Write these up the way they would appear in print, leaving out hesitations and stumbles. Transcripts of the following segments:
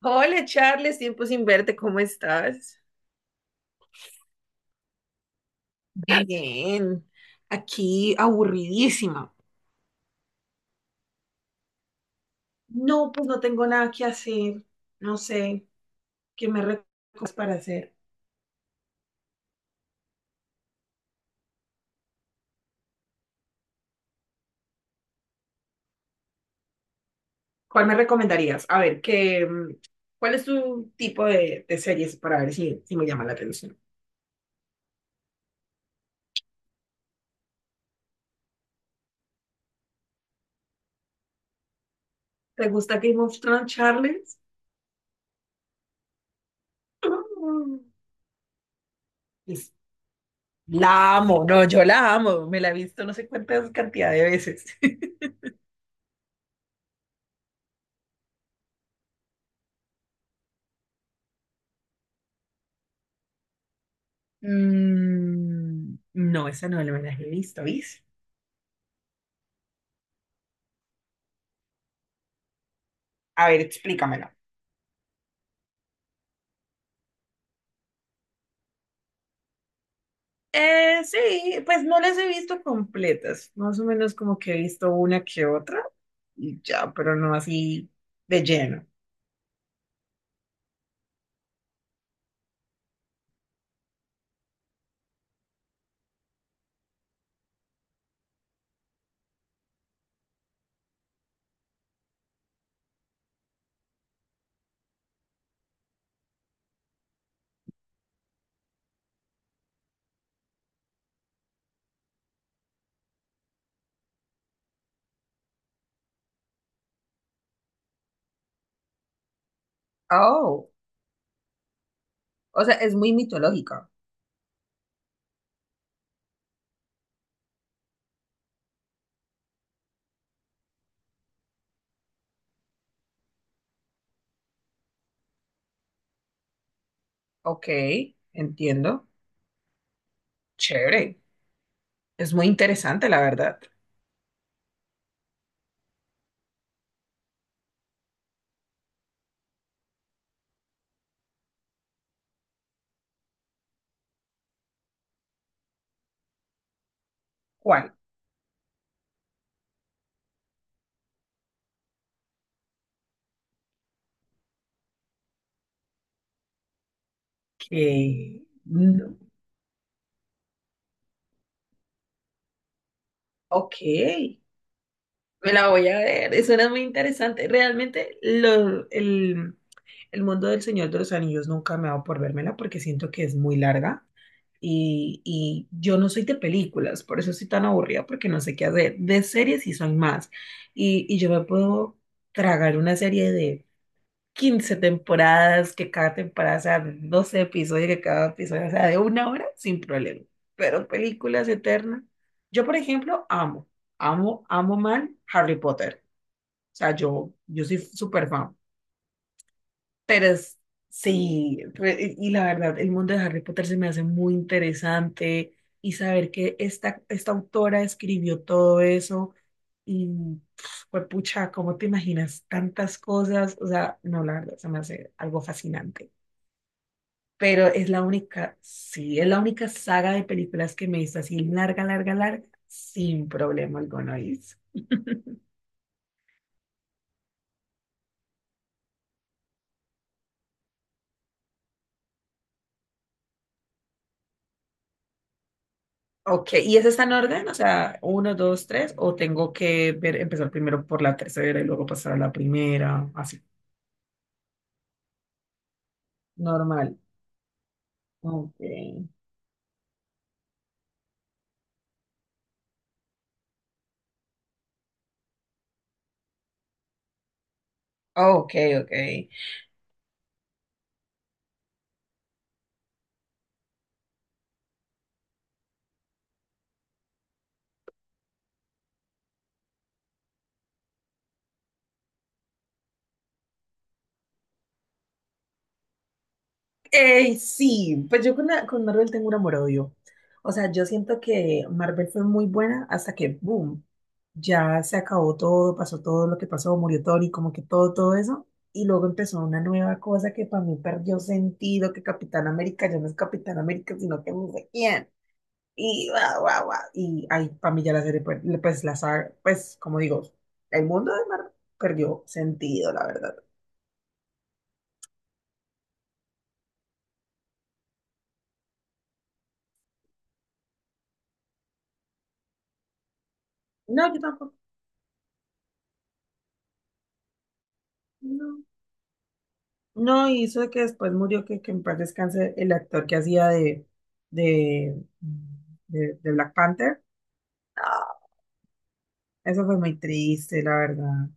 Hola Charles, tiempo sin verte, ¿cómo estás? Bien, aquí aburridísima. No, pues no tengo nada que hacer. No sé, ¿qué me recomiendas para hacer? ¿Cuál me recomendarías? A ver, ¿qué, cuál es tu tipo de series para ver si me llama la atención? ¿Te gusta Game of Thrones, Charles? Mm. Es- La amo, no, yo la amo. Me la he visto no sé cuántas cantidad de veces. Mm, no, esa no me la he visto, ¿viste? A ver, explícamela. Sí, pues no las he visto completas, más o menos como que he visto una que otra y ya, pero no así de lleno. Oh, o sea, es muy mitológica. Ok, entiendo. Chévere. Es muy interesante, la verdad. ¿Cuál? Que... no. Ok, me la voy a ver. Suena muy interesante. Realmente el mundo del Señor de los Anillos nunca me ha dado por vérmela porque siento que es muy larga. Y yo no soy de películas, por eso soy tan aburrida, porque no sé qué hacer. De series sí soy más. Y yo me puedo tragar una serie de 15 temporadas, que cada temporada sea de 12 episodios, que cada episodio sea de una hora, sin problema. Pero películas eternas. Yo, por ejemplo, amo mal Harry Potter. O sea, yo soy súper fan. Pero es- y la verdad, el mundo de Harry Potter se me hace muy interesante y saber que esta autora escribió todo eso y pues pucha, ¿cómo te imaginas tantas cosas? O sea, no, la verdad, se me hace algo fascinante. Pero es la única, sí, es la única saga de películas que me hizo así larga, larga, larga, sin problema alguno, Is. Ok, ¿y ese está en orden? O sea, uno, dos, tres, o tengo que ver, empezar primero por la tercera y luego pasar a la primera, así. Normal. Ok. Ok, ok. Sí, pues yo con Marvel tengo un amor-odio. O sea, yo siento que Marvel fue muy buena hasta que, boom, ya se acabó todo, pasó todo lo que pasó, murió Tony, como que todo, todo eso. Y luego empezó una nueva cosa que para mí perdió sentido, que Capitán América ya no es Capitán América, sino que no sé quién. Y guau, guau, guau. Y ahí, para mí ya la serie, la saga, pues, como digo, el mundo de Marvel perdió sentido, la verdad. No, yo tampoco, no. No, y eso de que después murió, que en paz descanse el actor que hacía de, de Black Panther. No, eso fue muy triste, la verdad.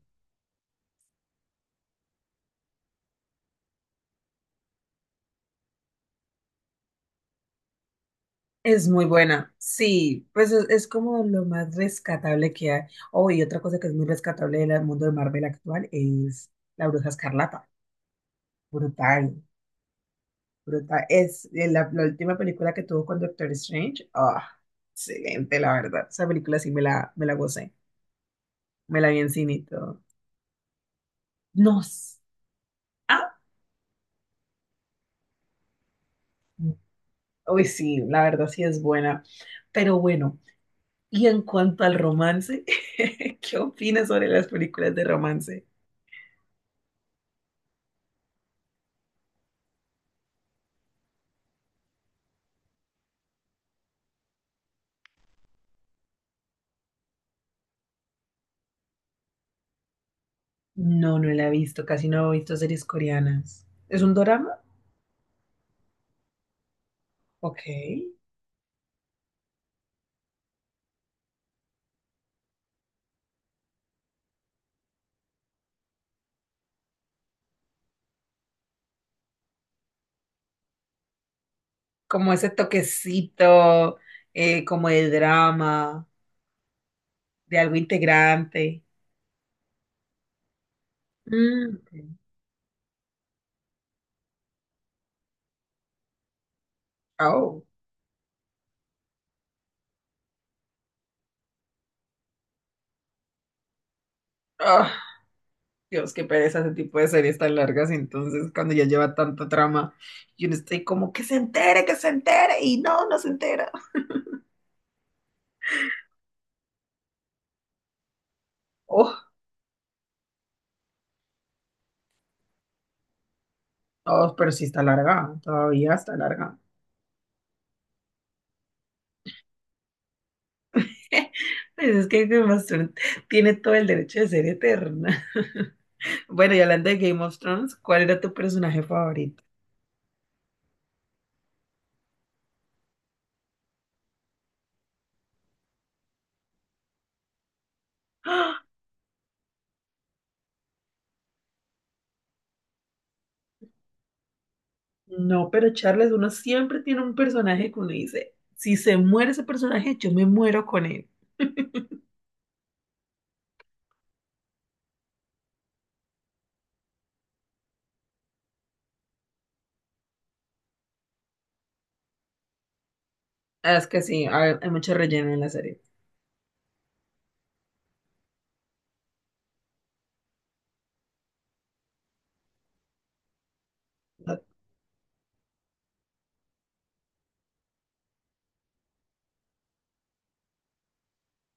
Es muy buena, sí, pues es como lo más rescatable que hay. Oh, y otra cosa que es muy rescatable del mundo de Marvel actual es La Bruja Escarlata. Brutal. Brutal. Es la última película que tuvo con Doctor Strange. Ah, excelente, la verdad. Esa película sí me la gocé. Me la vi en cine y todo. Nos. Ah, uy, sí, la verdad sí es buena. Pero bueno, y en cuanto al romance, ¿qué opinas sobre las películas de romance? No, no la he visto. Casi no he visto series coreanas. ¿Es un dorama? Ok. Como ese toquecito, como de drama, de algo integrante. Mm, ok. Au. Ah, Dios, qué pereza ese tipo de series tan largas. Entonces, cuando ya lleva tanta trama, yo no estoy como que se entere, y no, no se entera. Oh, oh, pero sí está larga, todavía está larga. Pues es que Game of Thrones tiene todo el derecho de ser eterna. Bueno, y hablando de Game of Thrones, ¿cuál era tu personaje favorito? ¡Ah! No, pero Charles, uno siempre tiene un personaje que uno dice, si se muere ese personaje, yo me muero con él. Ah, es que sí, hay mucho relleno en la serie. Ah,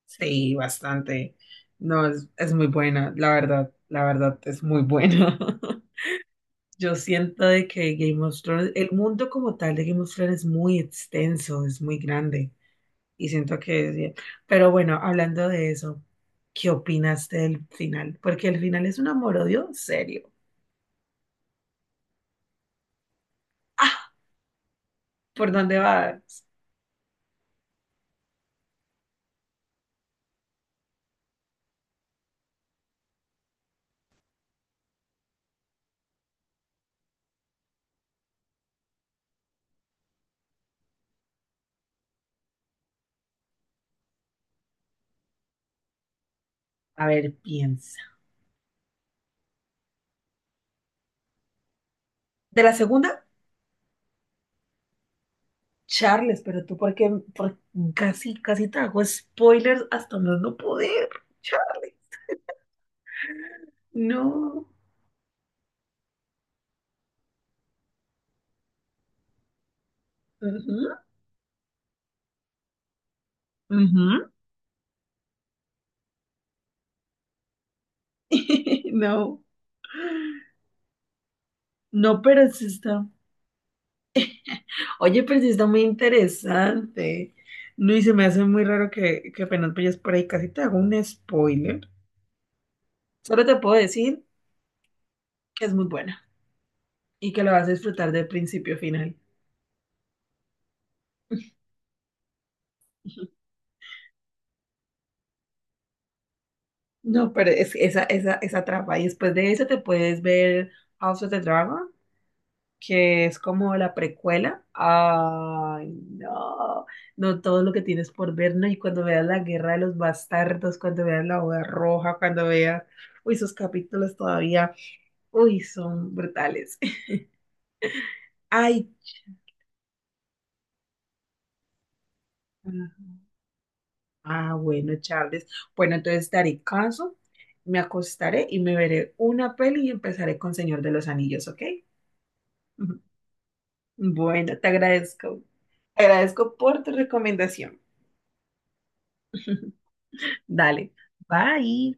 sí, bastante. No, es muy buena, la verdad, es muy buena. Yo siento de que Game of Thrones, el mundo como tal de Game of Thrones es muy extenso, es muy grande. Y siento que es bien. Pero bueno, hablando de eso, ¿qué opinaste del final? Porque el final es un amor-odio serio. Ah, ¿por dónde vas? A ver, piensa. ¿De la segunda? Charles, pero tú casi, casi te hago spoilers hasta más no poder, Charles. No. Ujú, ujú. No, no, pero sí está. Oye, pero sí está muy interesante. No, y se me hace muy raro que apenas vayas por ahí, casi te hago un spoiler. Solo te puedo decir que es muy buena y que la vas a disfrutar de principio a final. No, pero es esa trampa. Y después de eso te puedes ver House of the Dragon que es como la precuela. Ay, no, no todo lo que tienes por ver, ¿no? Y cuando veas la Guerra de los Bastardos, cuando veas la Boda Roja, cuando veas, uy, esos capítulos todavía, uy, son brutales. Ay, ah, bueno, Charles. Bueno, entonces daré caso, me acostaré y me veré una peli y empezaré con Señor de los Anillos, ¿ok? Bueno, te agradezco. Te agradezco por tu recomendación. Dale, bye.